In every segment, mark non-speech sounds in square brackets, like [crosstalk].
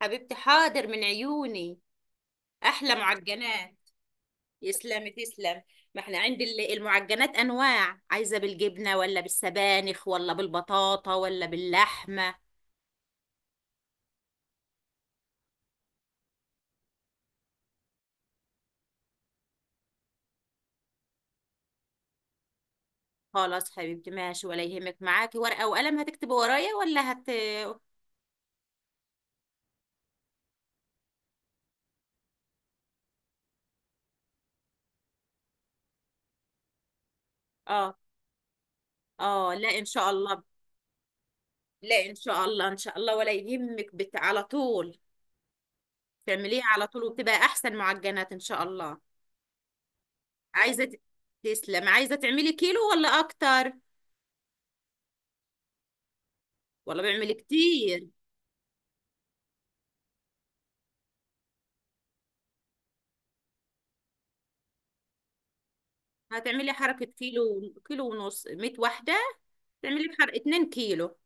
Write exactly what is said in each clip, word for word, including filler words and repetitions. حبيبتي، حاضر من عيوني. احلى معجنات. يسلم تسلم. ما احنا عند ال- المعجنات انواع، عايزه بالجبنه ولا بالسبانخ ولا بالبطاطا ولا باللحمه؟ خلاص حبيبتي، ماشي، ولا يهمك. معاكي ورقة وقلم هتكتبي ورايا ولا هت اه اه لا ان شاء الله. لا ان شاء الله ان شاء الله ولا يهمك. بت... على طول تعمليه على طول وبتبقى احسن معجنات ان شاء الله. عايزة ت- تسلم. عايزة تعملي كيلو ولا اكتر ولا بعمل كتير؟ هتعملي حركة كيلو، كيلو ونص مية واحدة، تعملي بحر اتنين كيلو.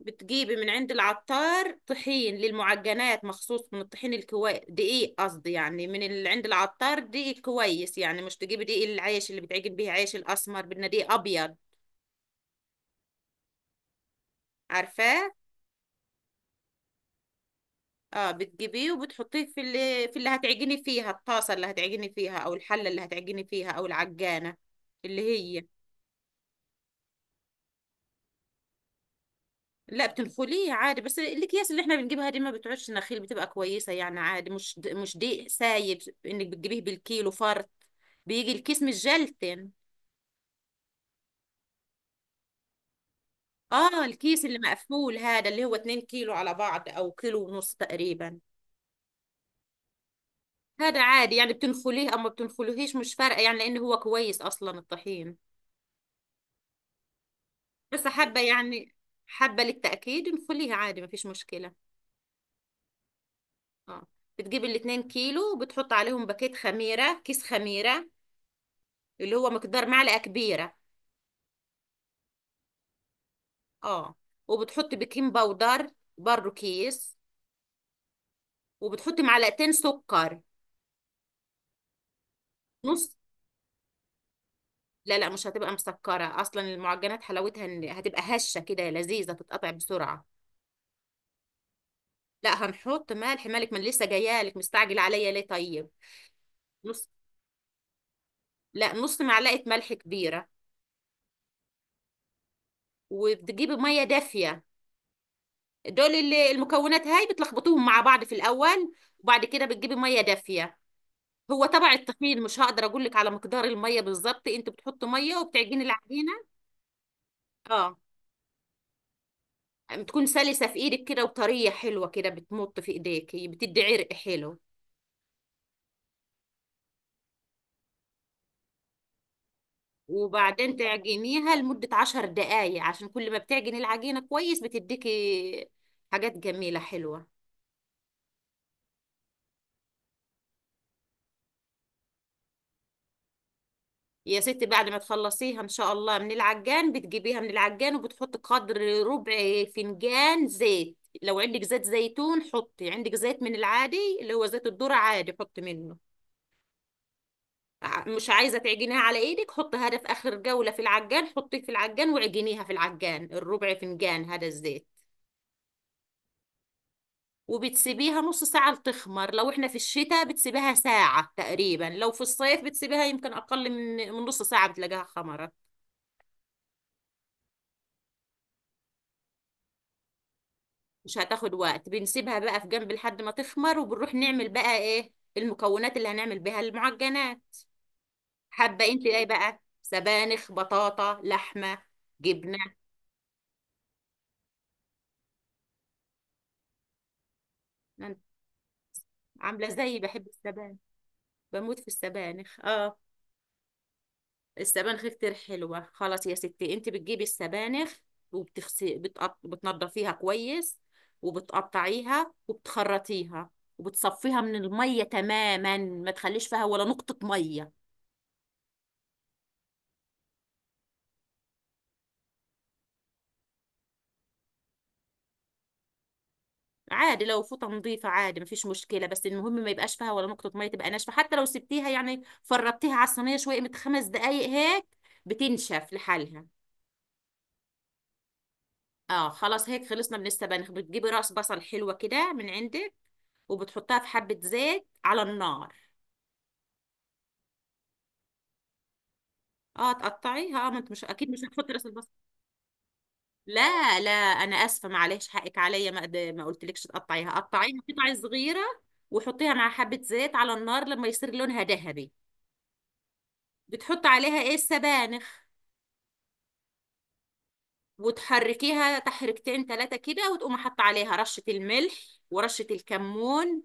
بتجيبي من عند العطار طحين للمعجنات مخصوص، من الطحين الكويس، دقيق قصدي، يعني من اللي عند العطار دقيق كويس، يعني مش تجيبي دقيق العيش اللي بتعجن بيه عيش الاسمر، بدنا دقيق ابيض. عارفاه؟ اه، بتجيبيه وبتحطيه في اللي في اللي هتعجني فيها، الطاسه اللي هتعجني فيها او الحله اللي هتعجني فيها او العجانه اللي هي. لا، بتنخليه عادي، بس الاكياس اللي احنا بنجيبها دي ما بتعودش نخيل، بتبقى كويسه يعني عادي، مش د- مش دقيق سايب انك بتجيبيه بالكيلو فرط، بيجي الكيس مش جلتن. اه، الكيس اللي مقفول هذا اللي هو اتنين كيلو على بعض او كيلو ونص تقريبا. هذا عادي، يعني بتنخليه او ما بتنخليهش مش فارقه، يعني لان هو كويس اصلا الطحين، بس حابه يعني حابه للتاكيد نخليها عادي ما فيش مشكله. اه، بتجيب الاتنين كيلو وبتحط عليهم باكيت خميره، كيس خميره، اللي هو مقدار معلقة كبيرة. اه، وبتحط بيكنج باودر برضو كيس، وبتحط معلقتين سكر. نص، لا لا، مش هتبقى مسكرة أصلا، المعجنات حلاوتها إن هتبقى هشة كده لذيذة تتقطع بسرعة. لا، هنحط ملح، مالك من لسه جايالك مستعجل عليا ليه؟ طيب، نص، لا نص معلقة ملح كبيرة. وبتجيبي مية دافية، دول اللي- المكونات هاي بتلخبطوهم مع بعض في الأول، وبعد كده بتجيبي مية دافية. هو تبع التخمير، مش هقدر اقول لك على مقدار الميه بالظبط، انت بتحط ميه وبتعجني العجينه. اه، بتكون سلسه في ايدك كده وطريه حلوه كده، بتمط في ايديكي، بتدي عرق حلو. وبعدين تعجنيها لمده عشر دقايق، عشان كل ما بتعجني العجينه كويس بتديكي حاجات جميله حلوه. يا ستي، بعد ما تخلصيها ان شاء الله من العجان، بتجيبيها من العجان وبتحط قدر ربع فنجان زيت، لو عندك زيت زيتون حطي، عندك زيت من العادي اللي هو زيت الذرة عادي حطي منه. ع- مش عايزة تعجنيها على ايدك، حطيها ده في اخر جولة في العجان، حطيه في العجان وعجنيها في العجان، الربع فنجان هذا الزيت. وبتسيبيها نص ساعة لتخمر، لو احنا في الشتاء بتسيبها ساعة تقريبا، لو في الصيف بتسيبها يمكن اقل من من نص ساعة بتلاقيها خمرت. مش هتاخد وقت، بنسيبها بقى في جنب لحد ما تخمر، وبنروح نعمل بقى ايه المكونات اللي هنعمل بها المعجنات. حابة انت ايه بقى، سبانخ، بطاطا، لحمة، جبنة؟ أنا عاملة زيي بحب السبانخ، بموت في السبانخ، اه. السبانخ كتير حلوة. خلاص يا ستي، انت بتجيبي السبانخ، وبتغسي بتقط... بتنضفيها كويس، وبتقطعيها وبتخرطيها، وبتصفيها من المية تماما، ما تخليش فيها ولا نقطة مية. عادي لو فوطة نظيفة عادي مفيش مشكلة، بس المهم ما يبقاش فيها ولا نقطة مية، تبقى ناشفة. حتى لو سبتيها يعني فرطتيها على الصينية شوية، من خمس دقايق هيك بتنشف لحالها. اه، خلاص هيك خلصنا من السبانخ. بتجيبي راس بصل حلوة كده من عندك، وبتحطها في حبة زيت على النار. اه تقطعيها، اه ما انت مش اكيد مش هتحطي راس البصل. لا لا، انا اسفه، معلش حقك عليا، ما قد- ما قلتلكش تقطعيها، قطعيها قطع صغيره، وحطيها مع حبه زيت على النار لما يصير لونها ذهبي. بتحط عليها ايه؟ السبانخ. وتحركيها تحركتين ثلاثه كده، وتقوم حاطه عليها رشه الملح ورشه الكمون.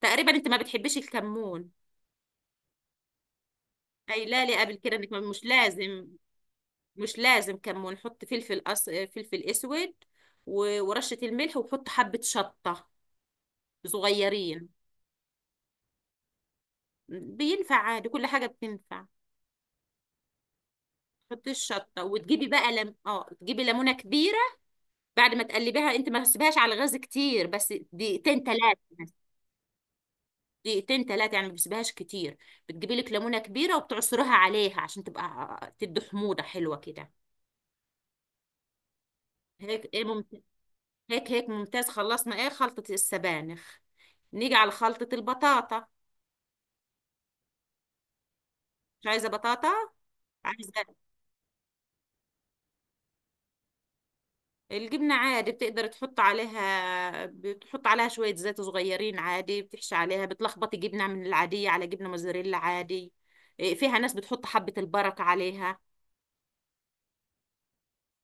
تقريبا انت ما بتحبيش الكمون، قايله لي قبل كده. انك ما- مش لازم، مش لازم كمون، حط فلفل أس... فلفل اسود، و- ورشة الملح، وحط حبة شطة صغيرين. بينفع عادي، كل حاجة بتنفع. حطي الشطة، وتجيبي بقى لم... اه، تجيبي ليمونة كبيرة. بعد ما تقلبيها، انت ما تسيبهاش على الغاز كتير، بس دقيقتين ثلاثة. دقيقتين ثلاثة يعني، ما بتسيبهاش كتير. بتجيبي لك ليمونة كبيرة وبتعصريها عليها عشان تبقى تدي حموضة حلوة كده. هيك ايه ممت... هيك هيك ممتاز خلصنا ايه خلطة السبانخ، نيجي على خلطة البطاطا. مش عايزة بطاطا. عايزة الجبنة عادي، بتقدر تحط عليها، بتحط عليها شوية زيت صغيرين عادي، بتحشي عليها، بتلخبطي جبنة من العادية على جبنة موزاريلا عادي. إيه، فيها ناس بتحط حبة البركة عليها.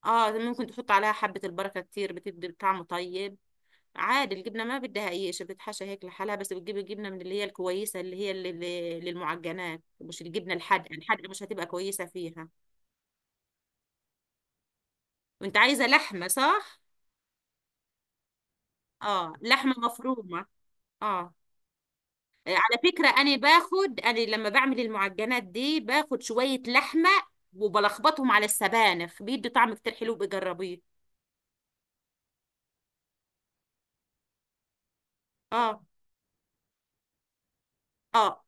اه، ممكن تحط عليها حبة البركة كتير، بتدي طعمه طيب. عادي، الجبنة ما بدها أي شيء، بتحشى هيك لحالها، بس بتجيب الجبنة من اللي هي الكويسة، اللي هي اللي اللي- للمعجنات، مش الجبنة الحادقة، الحادقة مش هتبقى كويسة فيها. وانت عايزة لحمة صح؟ اه، لحمة مفرومة. اه. آه، على فكرة أنا باخد، أنا لما بعمل المعجنات دي باخد شوية لحمة، وبلخبطهم على السبانخ، بيدي طعم كتير حلو، بجربيه. اه اه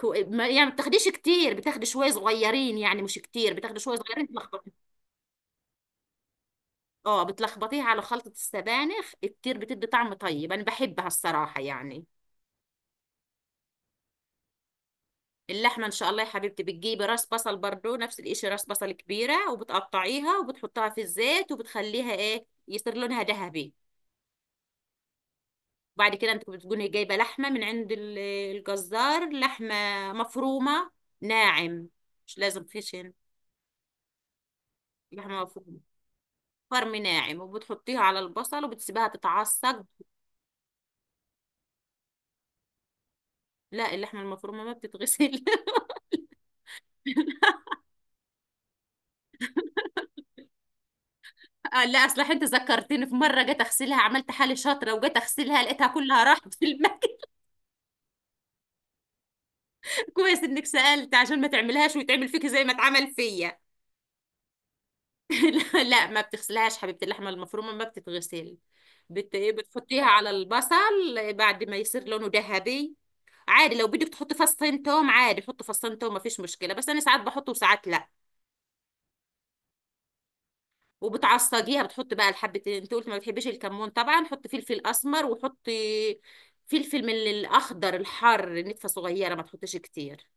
كو- ما- يعني ما بتاخديش كتير، بتاخدي شوية صغيرين، يعني مش كتير، بتاخدي شوية صغيرين تلخبطي. اه، بتلخبطيها على خلطة السبانخ كتير، بتدي طعم طيب، أنا بحبها الصراحة يعني. اللحمة إن شاء الله يا حبيبتي، بتجيبي راس بصل برضو نفس الإشي، راس بصل كبيرة، وبتقطعيها وبتحطها في الزيت وبتخليها إيه، يصير لونها ذهبي. وبعد كده انت بتكوني جايبه لحمه من عند ال- الجزار، لحمه مفرومه ناعم، مش لازم خشن، لحمه مفرومه فرم ناعم، وبتحطيها على البصل وبتسيبها تتعصج. لا، اللحمه المفرومه ما بتتغسل. [laughs] آه، لا اصل انت ذكرتني، في مره جيت اغسلها، عملت حالي شاطره وجيت اغسلها لقيتها كلها راحت في المكان. [laughs] كويس انك سالت عشان ما تعملهاش ويتعمل فيك زي ما اتعمل فيا. [laughs] لا لا، ما بتغسلهاش حبيبة، اللحمة المفرومة ما بتتغسل. بت... إيه، بتحطيها على البصل بعد ما يصير لونه ذهبي. عادي لو بدك تحطي فصين توم عادي، حطي فصين توم ما فيش مشكلة، بس أنا ساعات بحطه وساعات لا. وبتعصجيها، بتحطي بقى الحبة. أنت قلت ما بتحبيش الكمون، طبعا حطي فلفل أسمر، وحطي فلفل من الأخضر الحار نتفة صغيرة، ما تحطيش كتير.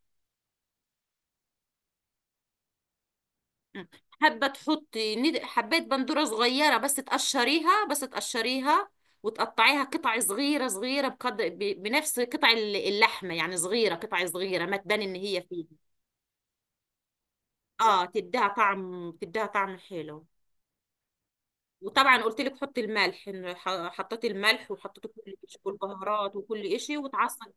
مم. حابه تحطي ند- حبات بندوره صغيره، بس تقشريها، بس تقشريها وتقطعيها قطع صغيره صغيره، بقدر ب- بنفس قطع ال- اللحمه، يعني صغيره قطع صغيره ما تبان ان هي فيه. اه، تديها طعم، تديها طعم حلو. وطبعا قلت لك حطي الملح، إن ح- حطيتي الملح وحطيتي كل شيء والبهارات وكل شيء وتعصج.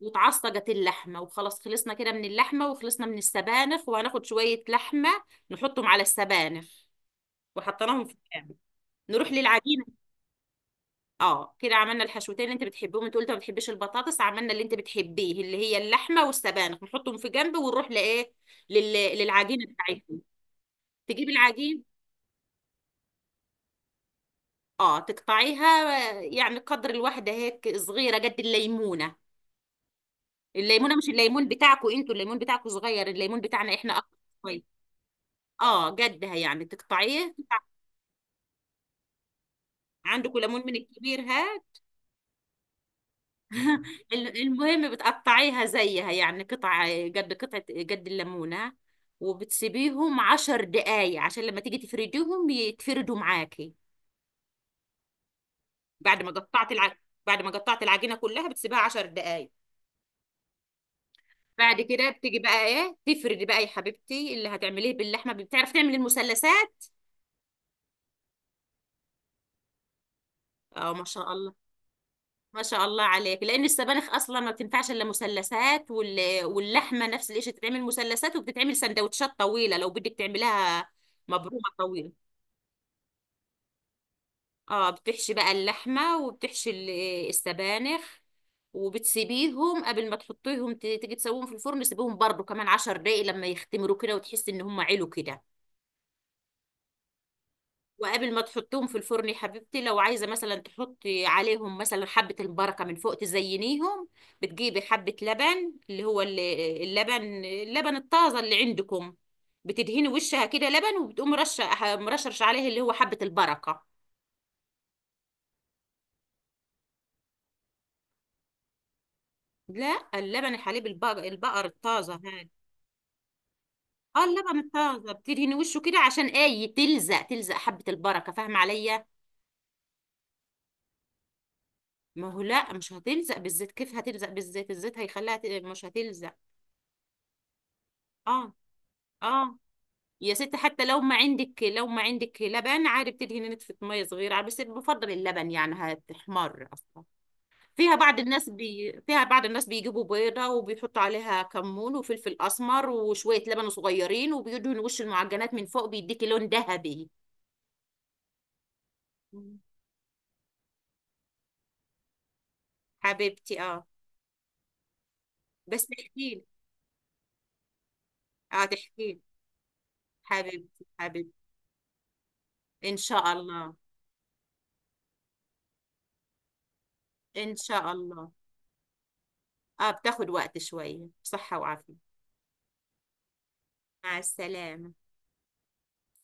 وتعصجت اللحمه، وخلاص خلصنا كده من اللحمه، وخلصنا من السبانخ، وهناخد شويه لحمه نحطهم على السبانخ وحطيناهم في الكام. نروح للعجينه. اه، كده عملنا الحشوتين اللي انت بتحبهم، انت قلت ما بتحبيش البطاطس، عملنا اللي انت بتحبيه اللي هي اللحمه والسبانخ، نحطهم في جنب ونروح لايه لل... للعجينه بتاعتهم. تجيب العجين، اه تقطعيها. آه، يعني قدر الواحده هيك صغيره قد الليمونه. الليمونه مش الليمون بتاعكم انتوا، الليمون بتاعكم صغير، الليمون بتاعنا احنا اكبر شويه. اه، قدها يعني تقطعيه. عندكم ليمون من الكبير، ها. [laughs] المهم بتقطعيها زيها، يعني قطع قد قطعة، قد الليمونة، وبتسيبيهم عشر دقايق، عشان لما تيجي تفرديهم يتفردوا معاكي. بعد ما قطعت الع... بعد ما قطعت العجينة كلها بتسيبها عشر دقايق. بعد كده بتيجي بقى ايه، تفردي بقى يا حبيبتي. اللي هتعمليه باللحمة، بتعرفي تعملي المثلثات؟ اه، ما شاء الله. ما شاء الله عليك، لان السبانخ اصلا ما بتنفعش الا مثلثات، وال... واللحمه نفس الشيء، تتعمل مثلثات وبتتعمل سندوتشات طويله لو بدك تعملها مبرومه طويله. اه، بتحشي بقى اللحمه وبتحشي ال- السبانخ، وبتسيبيهم قبل ما تحطيهم ت- تيجي تسويهم في الفرن، سيبيهم برضو كمان عشر دقايق لما يختمروا كده وتحسي ان هم علوا كده. وقبل ما تحطهم في الفرن يا حبيبتي، لو عايزه مثلا تحطي عليهم مثلا حبه البركه من فوق تزينيهم، بتجيبي حبه لبن اللي هو ال- اللبن، اللبن الطازه اللي عندكم، بتدهني وشها كده لبن وبتقوم رشه مرشرش عليه اللي هو حبه البركه. لا، اللبن الحليب، البقر, البقر الطازه هذا. اه، اللبن الطازه، بتدهني وشه كده عشان ايه، تلزق، تلزق حبه البركه، فاهمه عليا؟ ما هو لا، مش هتلزق بالزيت، كيف هتلزق بالزيت، الزيت هيخليها ت- مش هتلزق. اه. اه يا ست، حتى لو ما عندك، لو ما عندك لبن عادي بتدهني نتفة مية صغيرة عادي، بس بفضل اللبن، يعني هتحمر أصلا. فيها بعض الناس بي... فيها بعض الناس بيجيبوا بيضة وبيحطوا عليها كمون وفلفل أسمر وشوية لبن صغيرين، وبيدهنوا وش المعجنات من فوق، بيديكي لون ذهبي. مم. حبيبتي اه، بس تحكيلي، اه تحكيلي حبيبتي حبيبتي، ان شاء الله. ان شاء الله. اه، بتاخد وقت شوية. بصحة وعافية. مع السلامة.